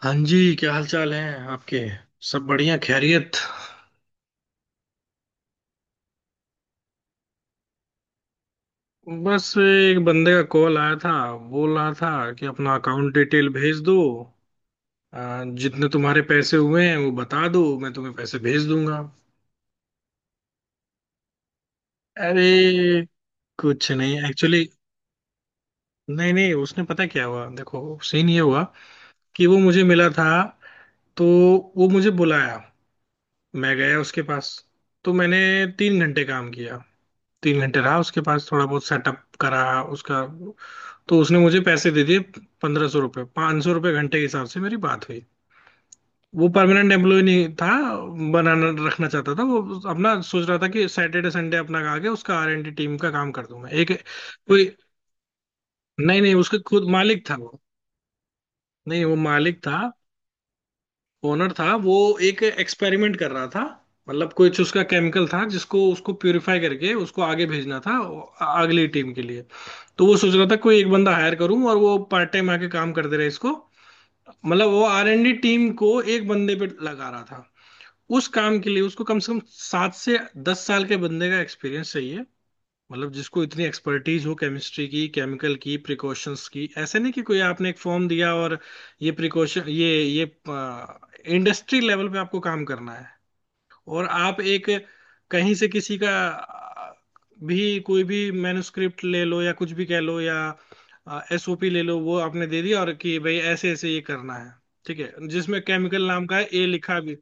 हाँ जी, क्या हाल चाल है आपके। सब बढ़िया, खैरियत। बस एक बंदे का कॉल आया था। बोल रहा था कि अपना अकाउंट डिटेल भेज दो। जितने तुम्हारे पैसे हुए हैं वो बता दो, मैं तुम्हें पैसे भेज दूंगा। अरे, कुछ नहीं एक्चुअली। नहीं नहीं, उसने पता क्या हुआ, देखो, सीन ये हुआ कि वो मुझे मिला था, तो वो मुझे बुलाया, मैं गया उसके पास। तो मैंने 3 घंटे काम किया, 3 घंटे रहा उसके पास, थोड़ा बहुत सेटअप करा उसका। तो उसने मुझे पैसे दे दिए 1500 रुपये। 500 रुपये घंटे के हिसाब से मेरी बात हुई। वो परमानेंट एम्प्लॉय नहीं था, बनाना रखना चाहता था वो अपना। सोच रहा था कि सैटरडे संडे अपना खा के उसका आर एंड डी टीम का काम कर दूंगा एक कोई। नहीं नहीं, उसका खुद मालिक था वो। नहीं, वो मालिक था, ओनर था वो। एक एक्सपेरिमेंट कर रहा था। मतलब कुछ उसका केमिकल था जिसको उसको प्यूरिफाई करके उसको आगे भेजना था अगली टीम के लिए। तो वो सोच रहा था कोई एक बंदा हायर करूं और वो पार्ट टाइम आके काम करते रहे इसको। मतलब वो आर एन डी टीम को एक बंदे पे लगा रहा था। उस काम के लिए उसको कम से कम 7 से 10 साल के बंदे का एक्सपीरियंस चाहिए। मतलब जिसको इतनी एक्सपर्टीज हो केमिस्ट्री की, केमिकल की, प्रिकॉशंस की। ऐसे नहीं कि कोई आपने एक फॉर्म दिया और ये प्रिकॉशन ये इंडस्ट्री लेवल पे आपको काम करना है। और आप एक कहीं से किसी का भी कोई भी मैन्युस्क्रिप्ट ले लो या कुछ भी कह लो, या एसओपी ले लो, वो आपने दे दिया और कि भाई ऐसे ऐसे ये करना है। ठीक है, जिसमें केमिकल नाम का है, ए लिखा भी।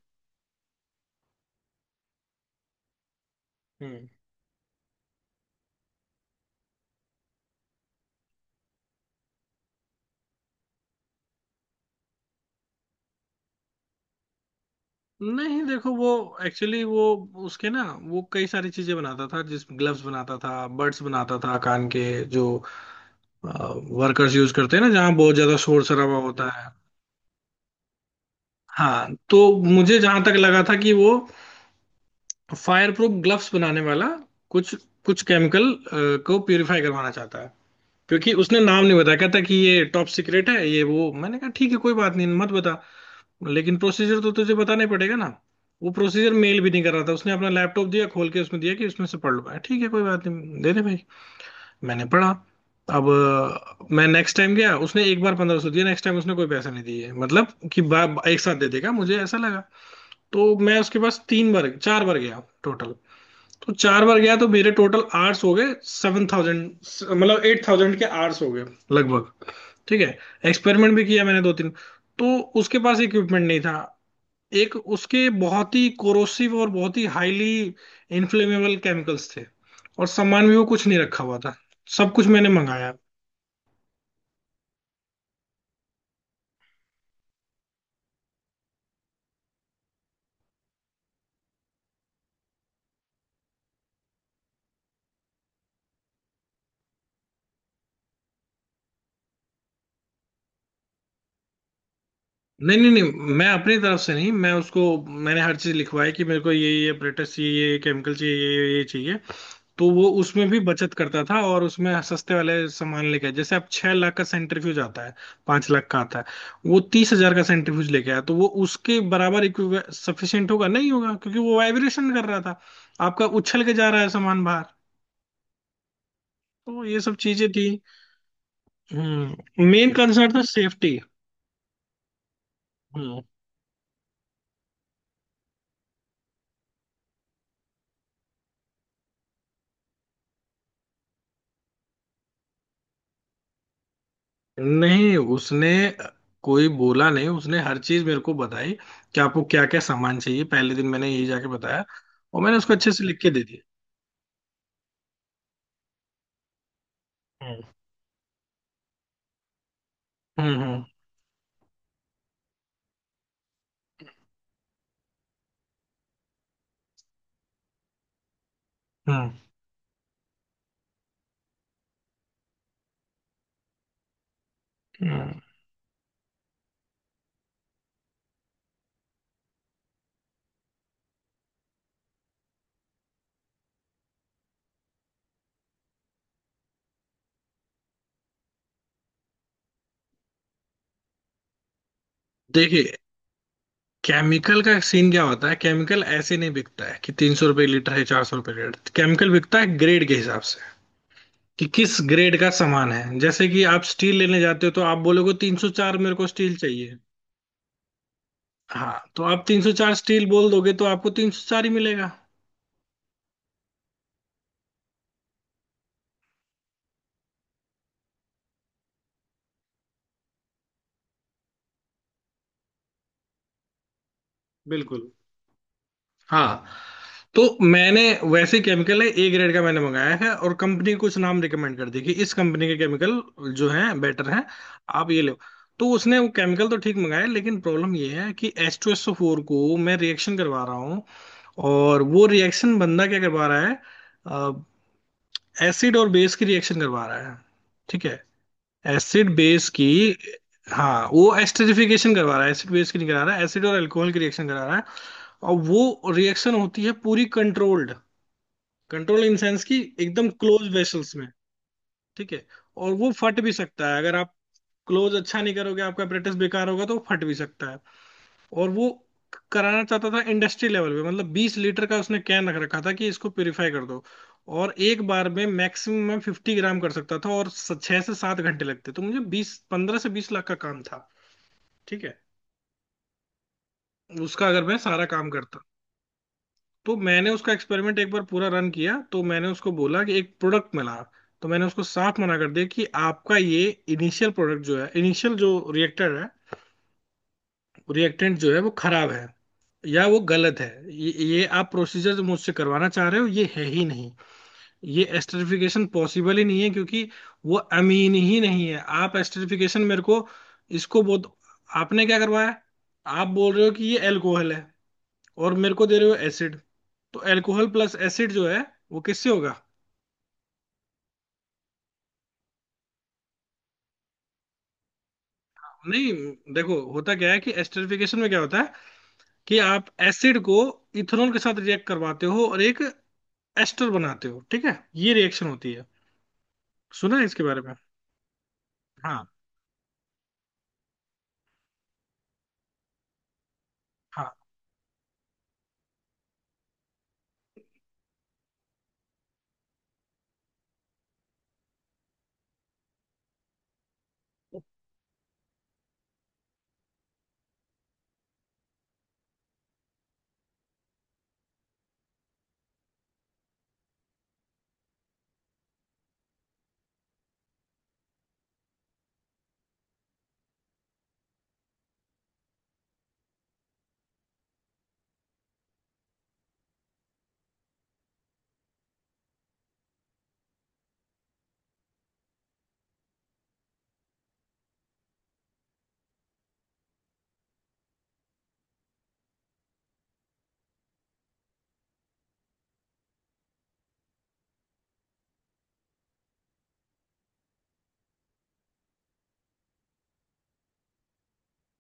हम्म। नहीं, देखो वो एक्चुअली वो उसके ना वो कई सारी चीजें बनाता था। जिस ग्लव्स बनाता था, बड्स बनाता था कान के, जो वर्कर्स यूज करते हैं ना जहाँ बहुत ज्यादा शोर शराबा होता है। हाँ, तो मुझे जहां तक लगा था कि वो फायर प्रूफ ग्लव्स बनाने वाला कुछ कुछ केमिकल को प्यूरिफाई करवाना चाहता है। क्योंकि उसने नाम नहीं बताया, कहता कि ये टॉप सीक्रेट है, ये वो। मैंने कहा ठीक है, कोई बात नहीं, मत बता, लेकिन प्रोसीजर तो तुझे बताना ही पड़ेगा ना। वो प्रोसीजर मेल भी नहीं कर रहा था, उसने अपना लैपटॉप दिया खोल के, उसमें दिया कि उसमें से पढ़ लो। ठीक है कोई बात नहीं, दे दे भाई। मैंने पढ़ा। अब मैं नेक्स्ट टाइम गया, उसने एक बार 1500 दिया, नेक्स्ट टाइम उसने कोई पैसा नहीं दिए। मतलब कि बा, बा- एक साथ दे देगा मुझे, ऐसा लगा। तो मैं उसके पास तीन बार चार बार गया टोटल। तो चार बार गया तो मेरे टोटल आर्ट्स हो गए 7000, मतलब 8000 के आर्ट्स हो गए लगभग। ठीक है। एक्सपेरिमेंट भी किया मैंने दो तीन। तो उसके पास इक्विपमेंट नहीं था। एक उसके बहुत ही कोरोसिव और बहुत ही हाईली इन्फ्लेमेबल केमिकल्स थे। और सामान भी वो कुछ नहीं रखा हुआ था, सब कुछ मैंने मंगाया। नहीं नहीं नहीं, मैं अपनी तरफ से नहीं, मैं उसको, मैंने हर चीज लिखवाई कि मेरे को ये ब्रेटस चाहिए, ये केमिकल चाहिए, ये चाहिए। तो वो उसमें भी बचत करता था और उसमें सस्ते वाले सामान लेके आया। जैसे अब 6 लाख का सेंट्रीफ्यूज आता है, 5 लाख का आता है, वो 30 हजार का सेंट्रीफ्यूज लेके आया। तो वो उसके बराबर सफिशियंट होगा नहीं होगा, क्योंकि वो वाइब्रेशन कर रहा था, आपका उछल के जा रहा है सामान बाहर। तो ये सब चीजें थी। हम्म, मेन कंसर्न था सेफ्टी। हम्म। नहीं, उसने कोई बोला नहीं, उसने हर चीज मेरे को बताई कि आपको क्या क्या सामान चाहिए। पहले दिन मैंने यही जाके बताया और मैंने उसको अच्छे से लिख के दे दिया। हम्म हम्म। हम्म। हाँ। हम्म। देखिए, केमिकल का सीन क्या होता है, केमिकल ऐसे नहीं बिकता है कि 300 रुपये लीटर है, 400 रुपये लीटर। केमिकल बिकता है ग्रेड के हिसाब से कि किस ग्रेड का सामान है। जैसे कि आप स्टील लेने जाते हो तो आप बोलोगे 304 मेरे को स्टील चाहिए। हाँ। तो आप 304 स्टील बोल दोगे तो आपको 304 ही मिलेगा। बिल्कुल। हाँ। तो मैंने वैसे केमिकल है A ग्रेड का मैंने मंगाया है। और कंपनी कुछ नाम रिकमेंड कर दी कि इस कंपनी के केमिकल जो हैं बेटर हैं, आप ये लो। तो उसने वो केमिकल तो ठीक मंगाए, लेकिन प्रॉब्लम ये है कि H2SO4 को मैं रिएक्शन करवा रहा हूँ। और वो रिएक्शन बंदा क्या करवा रहा है, एसिड और बेस की रिएक्शन करवा रहा है। ठीक है, एसिड बेस की। हाँ, वो एस्टरीफिकेशन करवा रहा है, एसिड बेस की नहीं करा रहा है, एसिड और एल्कोहल की रिएक्शन करा रहा है। और वो रिएक्शन होती है पूरी कंट्रोल्ड। कंट्रोल इन सेंस की एकदम क्लोज वेसल्स में। ठीक है। और वो फट भी सकता है, अगर आप क्लोज अच्छा नहीं करोगे, आपका प्रैक्टिस बेकार होगा तो वो फट भी सकता है। और वो कराना चाहता था इंडस्ट्री लेवल पे। मतलब 20 लीटर का उसने कैन रख रखा था कि इसको प्योरीफाई कर दो। और एक बार में मैक्सिमम मैं 50 ग्राम कर सकता था और स- 6 से 7 घंटे लगते। तो मुझे बीस पंद्रह से 20 लाख का काम था। ठीक है, उसका अगर मैं सारा काम करता। तो मैंने उसका एक्सपेरिमेंट एक बार पूरा रन किया तो मैंने उसको बोला कि एक प्रोडक्ट मिला। तो मैंने उसको साफ मना कर दिया कि आपका ये इनिशियल प्रोडक्ट जो है, इनिशियल जो रिएक्टर है, रिएक्टेंट जो है, वो खराब है या वो गलत है। ये आप प्रोसीजर जो मुझसे करवाना चाह रहे हो ये है ही नहीं। ये एस्टरिफिकेशन पॉसिबल ही नहीं है क्योंकि वो अमीन ही नहीं है। आप एस्टरिफिकेशन मेरे को इसको बहुत आपने क्या करवाया। आप बोल रहे हो कि ये एल्कोहल है और मेरे को दे रहे हो एसिड। तो अल्कोहल प्लस एसिड जो है वो किससे होगा। नहीं, देखो होता क्या है कि एस्टरिफिकेशन में क्या होता है कि आप एसिड को इथेनॉल के साथ रिएक्ट करवाते हो और एक एस्टर बनाते हो। ठीक है, ये रिएक्शन होती है। सुना है इसके बारे में। हाँ। हाँ,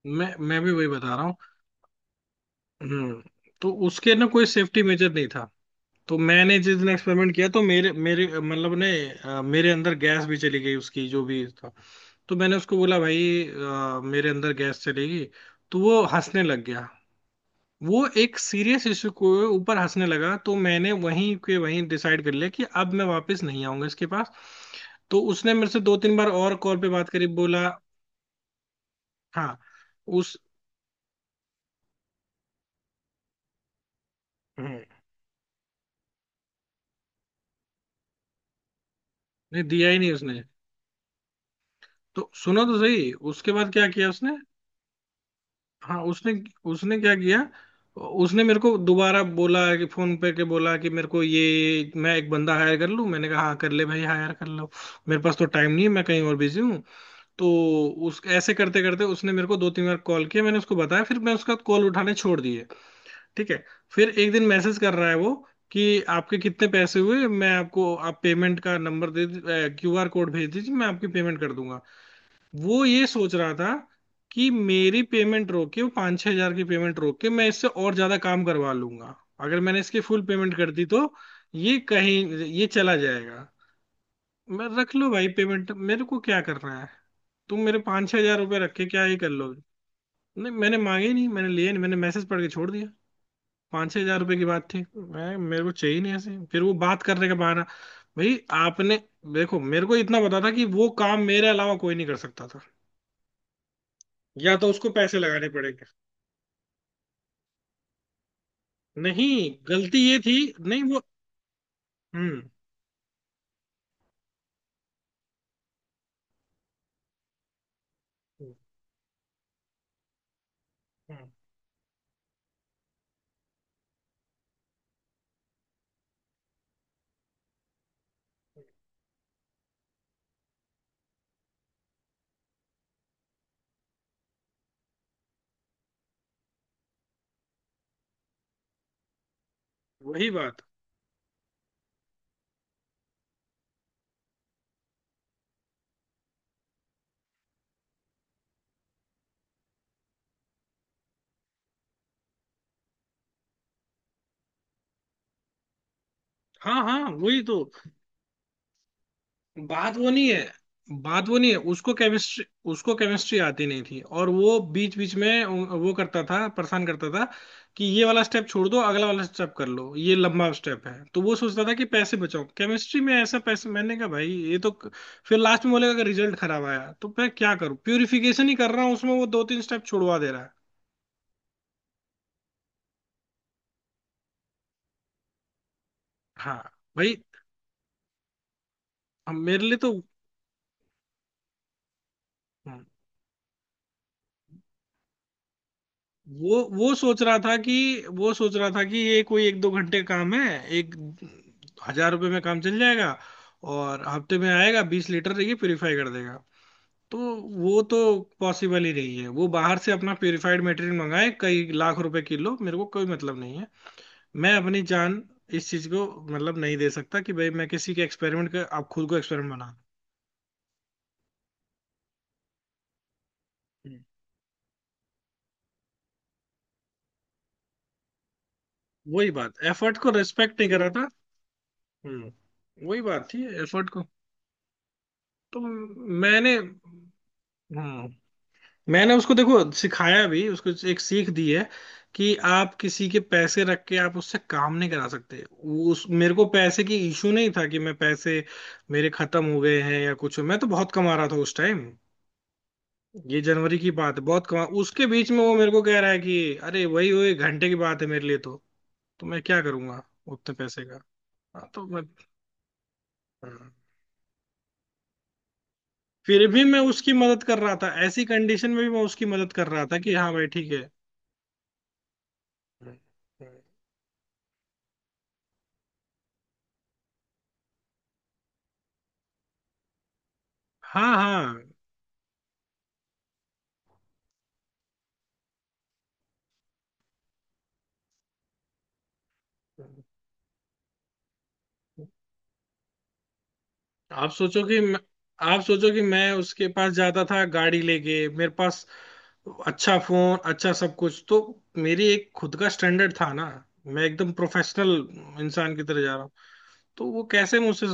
मैं भी वही बता रहा हूँ। हम्म। तो उसके ना कोई सेफ्टी मेजर नहीं था। तो मैंने जिस दिन एक्सपेरिमेंट किया तो मेरे मेरे मतलब ने मेरे अंदर गैस भी चली गई उसकी जो भी। तो मैंने उसको बोला भाई, मेरे अंदर गैस चलेगी, तो वो हंसने लग गया। वो एक सीरियस इशू को ऊपर हंसने लगा, तो मैंने वहीं के वहीं डिसाइड कर लिया कि अब मैं वापस नहीं आऊंगा इसके पास। तो उसने मेरे से दो तीन बार और कॉल पे बात करी, बोला। हाँ, उस। हम्म। नहीं दिया ही नहीं उसने। तो सुनो तो सही उसके बाद क्या किया उसने। हाँ उसने, उसने क्या किया, उसने मेरे को दोबारा बोला कि फोन पे के बोला कि मेरे को ये मैं एक बंदा हायर कर लूँ। मैंने कहा हाँ, कर ले भाई, हायर कर लो, मेरे पास तो टाइम नहीं है, मैं कहीं और बिजी हूँ। तो उस ऐसे करते करते उसने मेरे को दो तीन बार कॉल किया, मैंने उसको बताया, फिर मैं उसका कॉल उठाने छोड़ दिए। ठीक है। फिर एक दिन मैसेज कर रहा है वो कि आपके कितने पैसे हुए मैं आपको, आप पेमेंट का नंबर दे, QR कोड भेज दीजिए, मैं आपकी पेमेंट कर दूंगा। वो ये सोच रहा था कि मेरी पेमेंट रोक के, वो 5-6 हजार की पेमेंट रोक के, मैं इससे और ज्यादा काम करवा लूंगा अगर मैंने इसकी फुल पेमेंट कर दी, तो ये कहीं ये चला जाएगा। मैं, रख लो भाई पेमेंट, मेरे को क्या करना है, तुम मेरे 5-6 हजार रुपये रख के क्या ही कर लोगे। नहीं मैंने मांगे, नहीं मैंने लिए, नहीं मैंने मैसेज पढ़ के छोड़ दिया। 5-6 हजार रुपये की बात थी, मैं मेरे को चाहिए नहीं ऐसे। फिर वो बात करने का बहाना। भाई आपने, देखो मेरे को इतना पता था कि वो काम मेरे अलावा कोई नहीं कर सकता था, या तो उसको पैसे लगाने पड़ेंगे। नहीं, गलती ये थी। नहीं वो। हम्म। हम्म, वही बात। हाँ हाँ वही तो। बात वो नहीं है, बात वो नहीं है, उसको केमिस्ट्री, उसको केमिस्ट्री आती नहीं थी। और वो बीच बीच में वो करता था, परेशान करता था कि ये वाला स्टेप छोड़ दो, अगला वाला स्टेप कर लो, ये लंबा स्टेप है। तो वो सोचता था कि पैसे बचाओ केमिस्ट्री में ऐसा पैसे। मैंने कहा भाई ये तो क-। फिर लास्ट में बोलेगा कि रिजल्ट खराब आया, तो मैं क्या करूं, प्यूरिफिकेशन ही कर रहा हूँ उसमें वो दो तीन स्टेप छुड़वा दे रहा है। हाँ, भाई अब मेरे लिए तो। हाँ, वो सोच रहा था कि वो सोच रहा था कि ये कोई एक दो घंटे का काम है, 1000 रुपये में काम चल जाएगा। और हफ्ते में आएगा 20 लीटर ये प्योरीफाई कर देगा। तो वो तो पॉसिबल ही नहीं है, वो बाहर से अपना प्योरीफाइड मटेरियल मंगाए कई लाख रुपए किलो, मेरे को कोई मतलब नहीं है। मैं अपनी जान इस चीज को मतलब नहीं दे सकता कि भाई मैं किसी के एक्सपेरिमेंट का आप खुद को एक्सपेरिमेंट बना। हम्म, वही बात, एफर्ट को रेस्पेक्ट नहीं कर रहा था। हम्म वही बात थी एफर्ट को। तो मैंने, हाँ, मैंने उसको देखो सिखाया भी, उसको एक सीख दी है कि आप किसी के पैसे रख के आप उससे काम नहीं करा सकते। वो- उस मेरे को पैसे की इशू नहीं था कि मैं पैसे, मेरे खत्म हो गए हैं या कुछ। मैं तो बहुत कमा रहा था उस टाइम। ये जनवरी की बात है, बहुत कमा, उसके बीच में वो मेरे को कह रहा है कि अरे वही वही घंटे की बात है मेरे लिए तो। तो मैं क्या करूंगा उतने पैसे का। हाँ, तो मैं हाँ। फिर भी मैं उसकी मदद कर रहा था, ऐसी कंडीशन में भी मैं उसकी मदद कर रहा था कि हाँ भाई ठीक है। हाँ हाँ। आप सोचो कि मैं- आप सोचो कि मैं उसके पास जाता था गाड़ी लेके, मेरे पास अच्छा फोन, अच्छा सब कुछ। तो मेरी एक खुद का स्टैंडर्ड था ना। मैं एकदम प्रोफेशनल इंसान की तरह जा रहा हूँ। तो वो कैसे मुझसे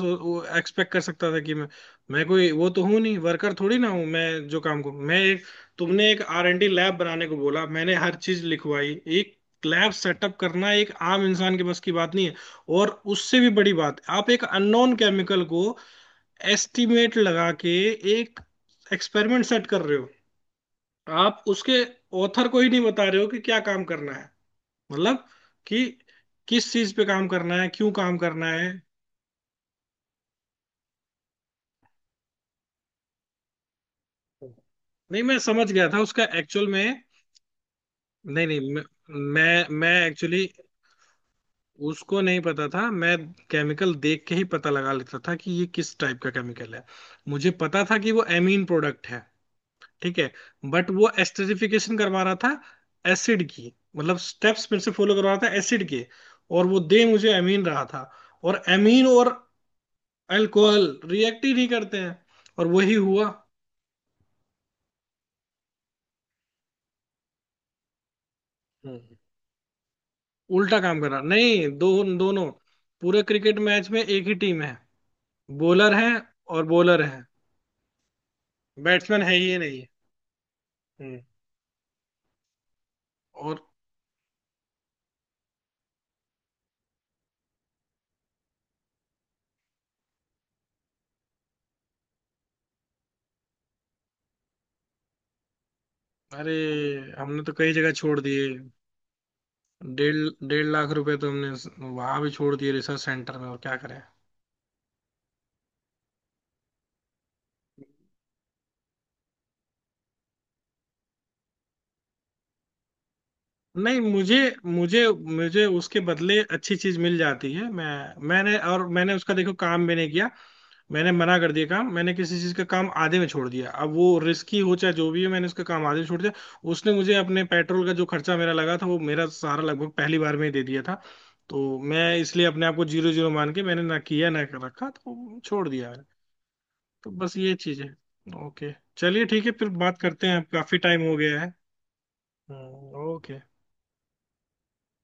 एक्सपेक्ट कर सकता था कि मैं कोई वो तो हूं नहीं, वर्कर थोड़ी ना हूं मैं, जो काम को मैं एक। तुमने एक आर एंड डी लैब बनाने को बोला, मैंने हर चीज लिखवाई। एक लैब सेटअप करना एक आम इंसान के बस की बात नहीं है। और उससे भी बड़ी बात, आप एक अननोन केमिकल को एस्टिमेट लगा के एक एक्सपेरिमेंट सेट कर रहे हो। आप उसके ऑथर को ही नहीं बता रहे हो कि क्या काम करना है, मतलब कि किस चीज पे काम करना है, क्यों काम करना है। नहीं, मैं समझ गया था उसका एक्चुअल में। नहीं नहीं, मैं एक्चुअली, उसको नहीं पता था। मैं केमिकल देख के ही पता लगा लेता था कि ये किस टाइप का केमिकल है। मुझे पता था कि वो एमीन प्रोडक्ट है। ठीक है। बट वो एस्टरीफिकेशन करवा रहा था। एसिड की, मतलब स्टेप्स मेरे से फॉलो करवा रहा था एसिड के, और वो दे मुझे एमीन रहा था। और एमीन और अल्कोहल रिएक्ट ही नहीं करते हैं, और वही हुआ। उल्टा काम करा नहीं दो दोनों। पूरे क्रिकेट मैच में एक ही टीम है, बॉलर है और बॉलर है, बैट्समैन है ही नहीं। हम्म और अरे, हमने तो कई जगह छोड़ दिए। डेढ़ 1.5 लाख रुपए तो हमने वहां भी छोड़ दिए रिसर्च सेंटर में, और क्या करें। नहीं, मुझे मुझे मुझे उसके बदले अच्छी चीज मिल जाती है। मैंने उसका देखो काम भी नहीं किया। मैंने मना कर दिया काम, मैंने किसी चीज का काम आधे में छोड़ दिया। अब वो रिस्की हो चाहे जो भी है, मैंने उसका काम आधे में छोड़ दिया। उसने मुझे अपने पेट्रोल का जो खर्चा मेरा लगा था वो मेरा सारा लगभग पहली बार में ही दे दिया था। तो मैं इसलिए अपने आप को जीरो जीरो मान के मैंने, ना किया ना रखा, तो छोड़ दिया मैंने। तो बस ये चीज है। ओके, चलिए ठीक है, फिर बात करते हैं, काफी टाइम हो गया है। ओके।